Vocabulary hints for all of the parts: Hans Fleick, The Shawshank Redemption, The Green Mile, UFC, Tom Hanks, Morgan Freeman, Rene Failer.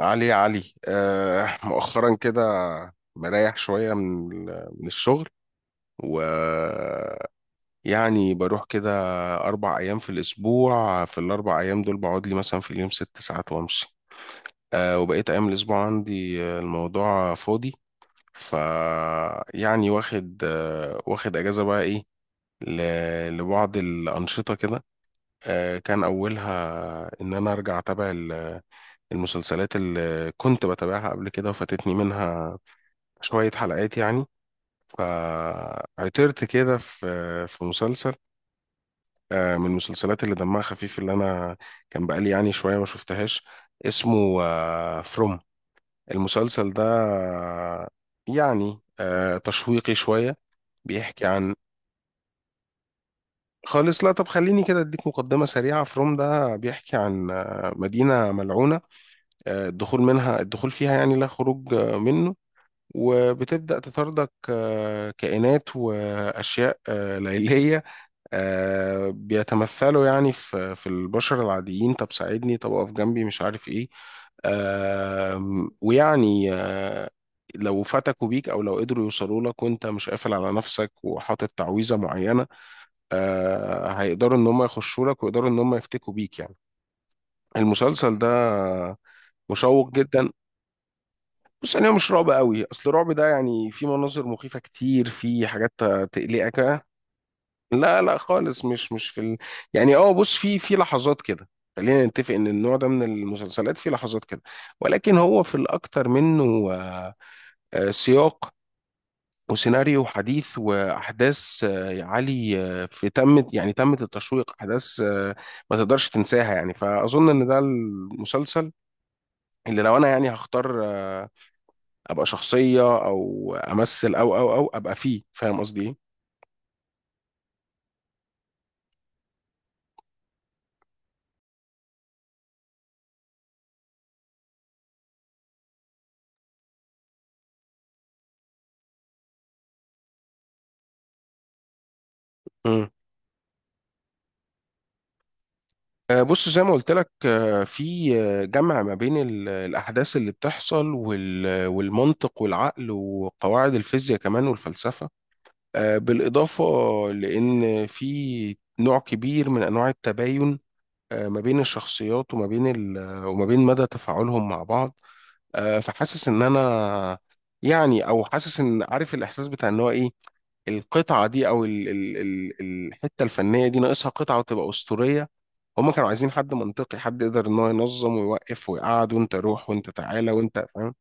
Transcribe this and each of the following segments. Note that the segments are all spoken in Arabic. علي، علي، مؤخرا كده مريح شوية من من الشغل. و يعني بروح كده أربع أيام في الأسبوع. في الأربع أيام دول بقعد لي مثلا في اليوم ست ساعات وأمشي. وبقيت أيام الأسبوع عندي، الموضوع فاضي. ف يعني واخد أجازة بقى، إيه، لبعض الأنشطة كده. كان أولها إن أنا أرجع أتابع المسلسلات اللي كنت بتابعها قبل كده وفاتتني منها شوية حلقات يعني. فعثرت كده في مسلسل، من المسلسلات اللي دمها خفيف، اللي أنا كان بقالي يعني شوية ما شفتهاش. اسمه فروم. المسلسل ده يعني تشويقي شوية. بيحكي عن خالص. لا، طب خليني كده اديك مقدمة سريعة. فروم ده بيحكي عن مدينة ملعونة، الدخول منها الدخول فيها يعني لا خروج منه. وبتبدأ تطاردك كائنات وأشياء ليلية، بيتمثلوا يعني في البشر العاديين. طب ساعدني، طب اقف جنبي، مش عارف ايه. ويعني لو فتكوا بيك او لو قدروا يوصلوا لك وانت مش قافل على نفسك وحاطط تعويذه معينه، هيقدروا ان هم يخشوا لك ويقدروا ان هم يفتكوا بيك يعني. المسلسل ده مشوق جدا. بص، يعني هو مش رعب قوي. اصل الرعب ده يعني في مناظر مخيفة كتير، في حاجات تقلقك. لا لا خالص، مش في يعني، اه بص، في لحظات كده. خلينا نتفق ان النوع ده من المسلسلات في لحظات كده، ولكن هو في الاكتر منه سياق وسيناريو حديث واحداث عالي، في تمت يعني تمت التشويق، احداث ما تقدرش تنساها يعني. فاظن ان ده المسلسل اللي لو انا يعني هختار ابقى شخصيه او امثل او ابقى فيه، فاهم قصدي ايه. مم. بص زي ما قلت لك، في جمع ما بين الأحداث اللي بتحصل والمنطق والعقل وقواعد الفيزياء كمان والفلسفة. بالإضافة لأن في نوع كبير من أنواع التباين ما بين الشخصيات وما بين وما بين مدى تفاعلهم مع بعض. فحاسس إن أنا يعني، أو حاسس إن، عارف الإحساس بتاع إن هو إيه، القطعة دي أو ال الحتة الفنية دي ناقصها قطعة وتبقى أسطورية. هما كانوا عايزين حد منطقي، حد يقدر إن هو ينظم ويوقف ويقعد، وأنت روح وأنت تعالى وأنت فاهم.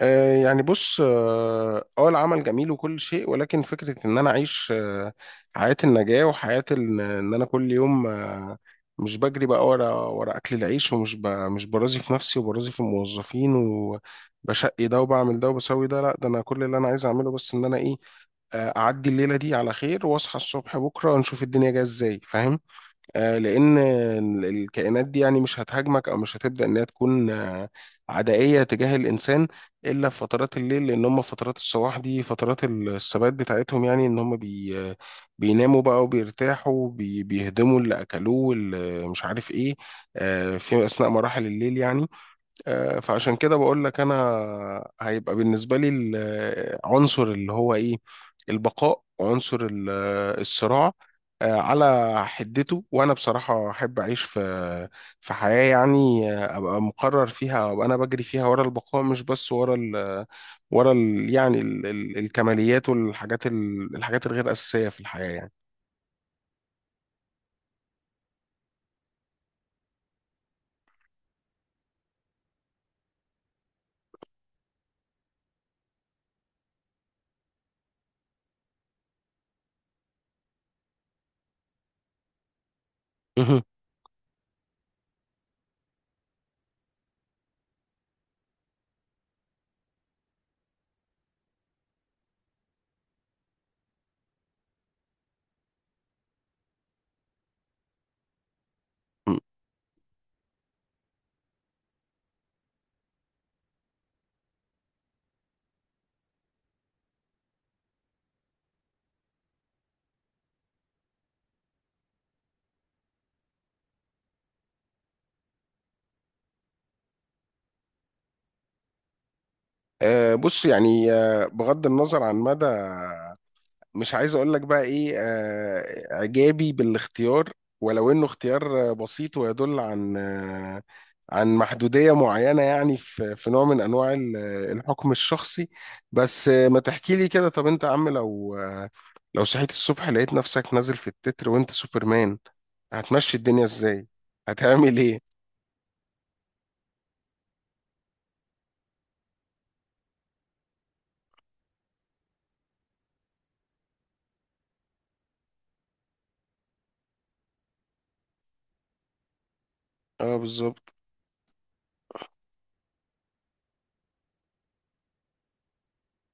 يعني بص اه، العمل جميل وكل شيء، ولكن فكرة ان انا اعيش حياة النجاة وحياة ان، إن انا كل يوم مش بجري بقى ورا ورا اكل العيش، ومش مش برازي في نفسي وبرازي في الموظفين وبشقي ده وبعمل ده وبسوي ده، لا ده انا كل اللي انا عايز اعمله بس ان انا ايه، اعدي الليلة دي على خير واصحى الصبح بكرة نشوف الدنيا جاية ازاي، فاهم. لأن الكائنات دي يعني مش هتهاجمك أو مش هتبدأ إنها تكون عدائية تجاه الإنسان إلا في فترات الليل. لأن هم فترات الصباح دي فترات الثبات بتاعتهم، يعني إن هم بي آه، بيناموا بقى وبيرتاحوا بيهدموا اللي أكلوه واللي مش عارف إيه، في أثناء مراحل الليل يعني. فعشان كده بقول لك، انا هيبقى بالنسبه لي العنصر اللي هو ايه، البقاء، وعنصر الصراع على حدته. وانا بصراحه احب اعيش في حياه يعني ابقى مقرر فيها وابقى انا بجري فيها ورا البقاء، مش بس ورا ال آه، ورا ال يعني ال ال الكماليات والحاجات الحاجات الغير اساسيه في الحياه يعني. مهم. بص يعني بغض النظر عن مدى، مش عايز اقول لك بقى ايه، اعجابي بالاختيار، ولو انه اختيار بسيط ويدل عن عن محدودية معينة يعني، في في نوع من انواع الحكم الشخصي. بس ما تحكي لي كده، طب انت يا عم لو لو صحيت الصبح لقيت نفسك نازل في التتر وانت سوبرمان، هتمشي الدنيا ازاي؟ هتعمل ايه؟ اه بالظبط.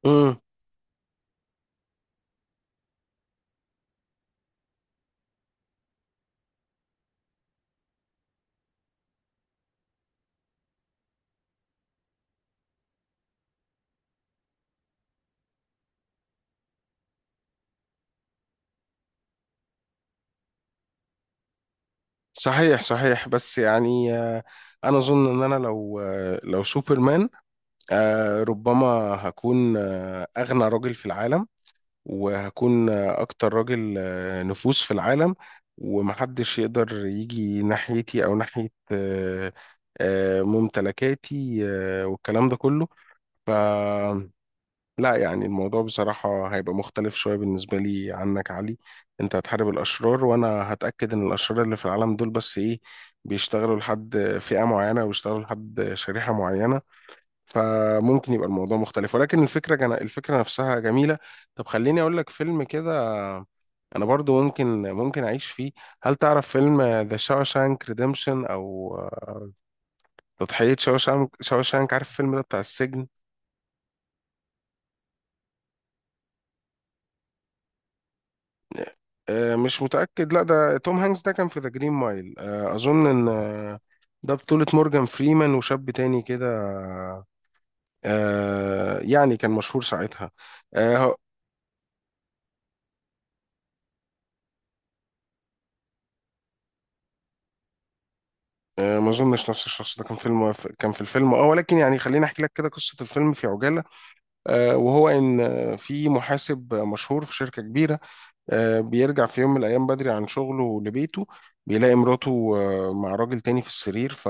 امم. صحيح صحيح، بس يعني انا اظن ان انا لو لو سوبرمان ربما هكون أغنى راجل في العالم، وهكون أكتر راجل نفوذ في العالم، ومحدش يقدر يجي ناحيتي أو ناحية ممتلكاتي والكلام ده كله. ف لا يعني الموضوع بصراحة هيبقى مختلف شوية بالنسبة لي عنك يا علي. انت هتحارب الأشرار، وأنا هتأكد إن الأشرار اللي في العالم دول بس إيه، بيشتغلوا لحد فئة معينة ويشتغلوا لحد شريحة معينة. فممكن يبقى الموضوع مختلف، ولكن الفكرة الفكرة نفسها جميلة. طب خليني أقول لك فيلم كده أنا برضو ممكن، أعيش فيه. هل تعرف فيلم ذا شاوشانك ريديمشن، أو تضحية شاوشانك، شاوشانك؟ عارف الفيلم ده بتاع السجن؟ مش متأكد. لا ده توم هانكس ده كان في ذا جرين مايل، أظن إن ده بطولة مورجان فريمان وشاب تاني كده، يعني كان مشهور ساعتها. آه، ما اظنش نفس الشخص. ده كان فيلم، كان في الفيلم اه، ولكن يعني خليني احكي لك كده قصه الفيلم في عجاله. وهو ان في محاسب مشهور في شركه كبيره، بيرجع في يوم من الايام بدري عن شغله لبيته، بيلاقي مراته مع راجل تاني في السرير. ف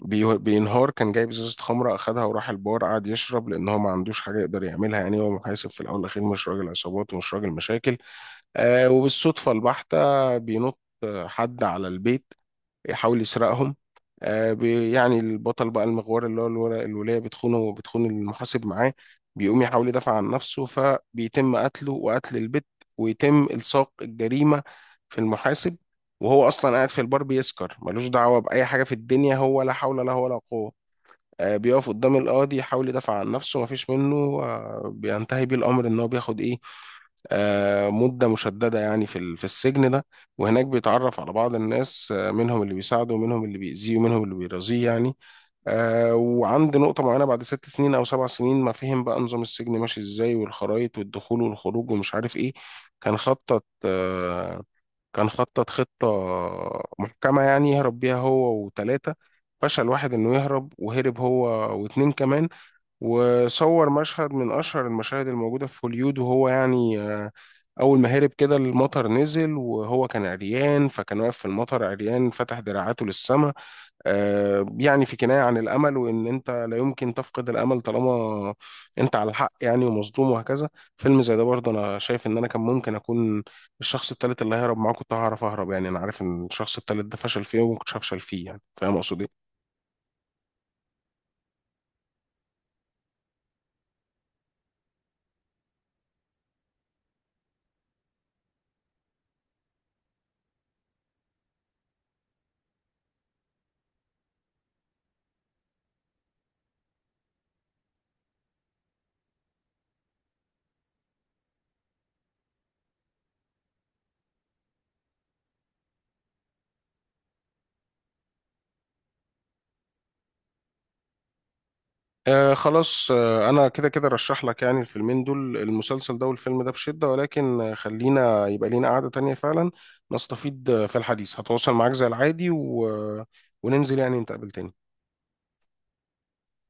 بي- بينهار. كان جايب ازازه خمره، اخدها وراح البار قعد يشرب، لان هو ما عندوش حاجه يقدر يعملها، يعني هو محاسب في الاول والاخير، مش راجل عصابات ومش راجل مشاكل. وبالصدفه البحته بينط حد على البيت يحاول يسرقهم. يعني البطل بقى المغوار اللي هو الولاية بتخونه وبتخون المحاسب معاه. بيقوم يحاول يدافع عن نفسه، فبيتم قتله وقتل البت، ويتم إلصاق الجريمة في المحاسب. وهو أصلا قاعد في البار بيسكر، ملوش دعوة بأي حاجة في الدنيا، هو لا حول له ولا قوة. بيقف قدام القاضي يحاول يدافع عن نفسه، مفيش منه. بينتهي بيه الأمر إن هو بياخد إيه، مدة مشددة يعني في في السجن ده. وهناك بيتعرف على بعض الناس، منهم اللي بيساعده ومنهم اللي بيأذيه ومنهم اللي بيرازيه يعني. وعند نقطة معينة بعد ست سنين أو سبع سنين، ما فهم بقى نظام السجن ماشي إزاي والخرايط والدخول والخروج ومش عارف إيه، كان خطط خطة محكمة يعني يهرب بيها هو وتلاتة. فشل واحد انه يهرب، وهرب هو واتنين كمان. وصور مشهد من اشهر المشاهد الموجودة في هوليود، وهو يعني اول ما هرب كده المطر نزل، وهو كان عريان، فكان واقف في المطر عريان فتح دراعاته للسماء، يعني في كناية عن الأمل، وإن أنت لا يمكن تفقد الأمل طالما أنت على الحق يعني، ومظلوم، وهكذا. فيلم زي ده برضه أنا شايف إن أنا كان ممكن أكون الشخص التالت اللي هيهرب معاه. كنت هعرف أهرب يعني، أنا عارف إن الشخص التالت ده فشل فيه وما كنتش هفشل فيه يعني، فاهم أقصد إيه. آه خلاص، آه أنا كده كده رشح لك يعني الفيلمين دول، المسلسل ده والفيلم ده بشدة، ولكن خلينا يبقى لينا قعدة تانية فعلا نستفيد في الحديث. هتواصل معاك زي العادي، و... وننزل يعني نتقابل تاني.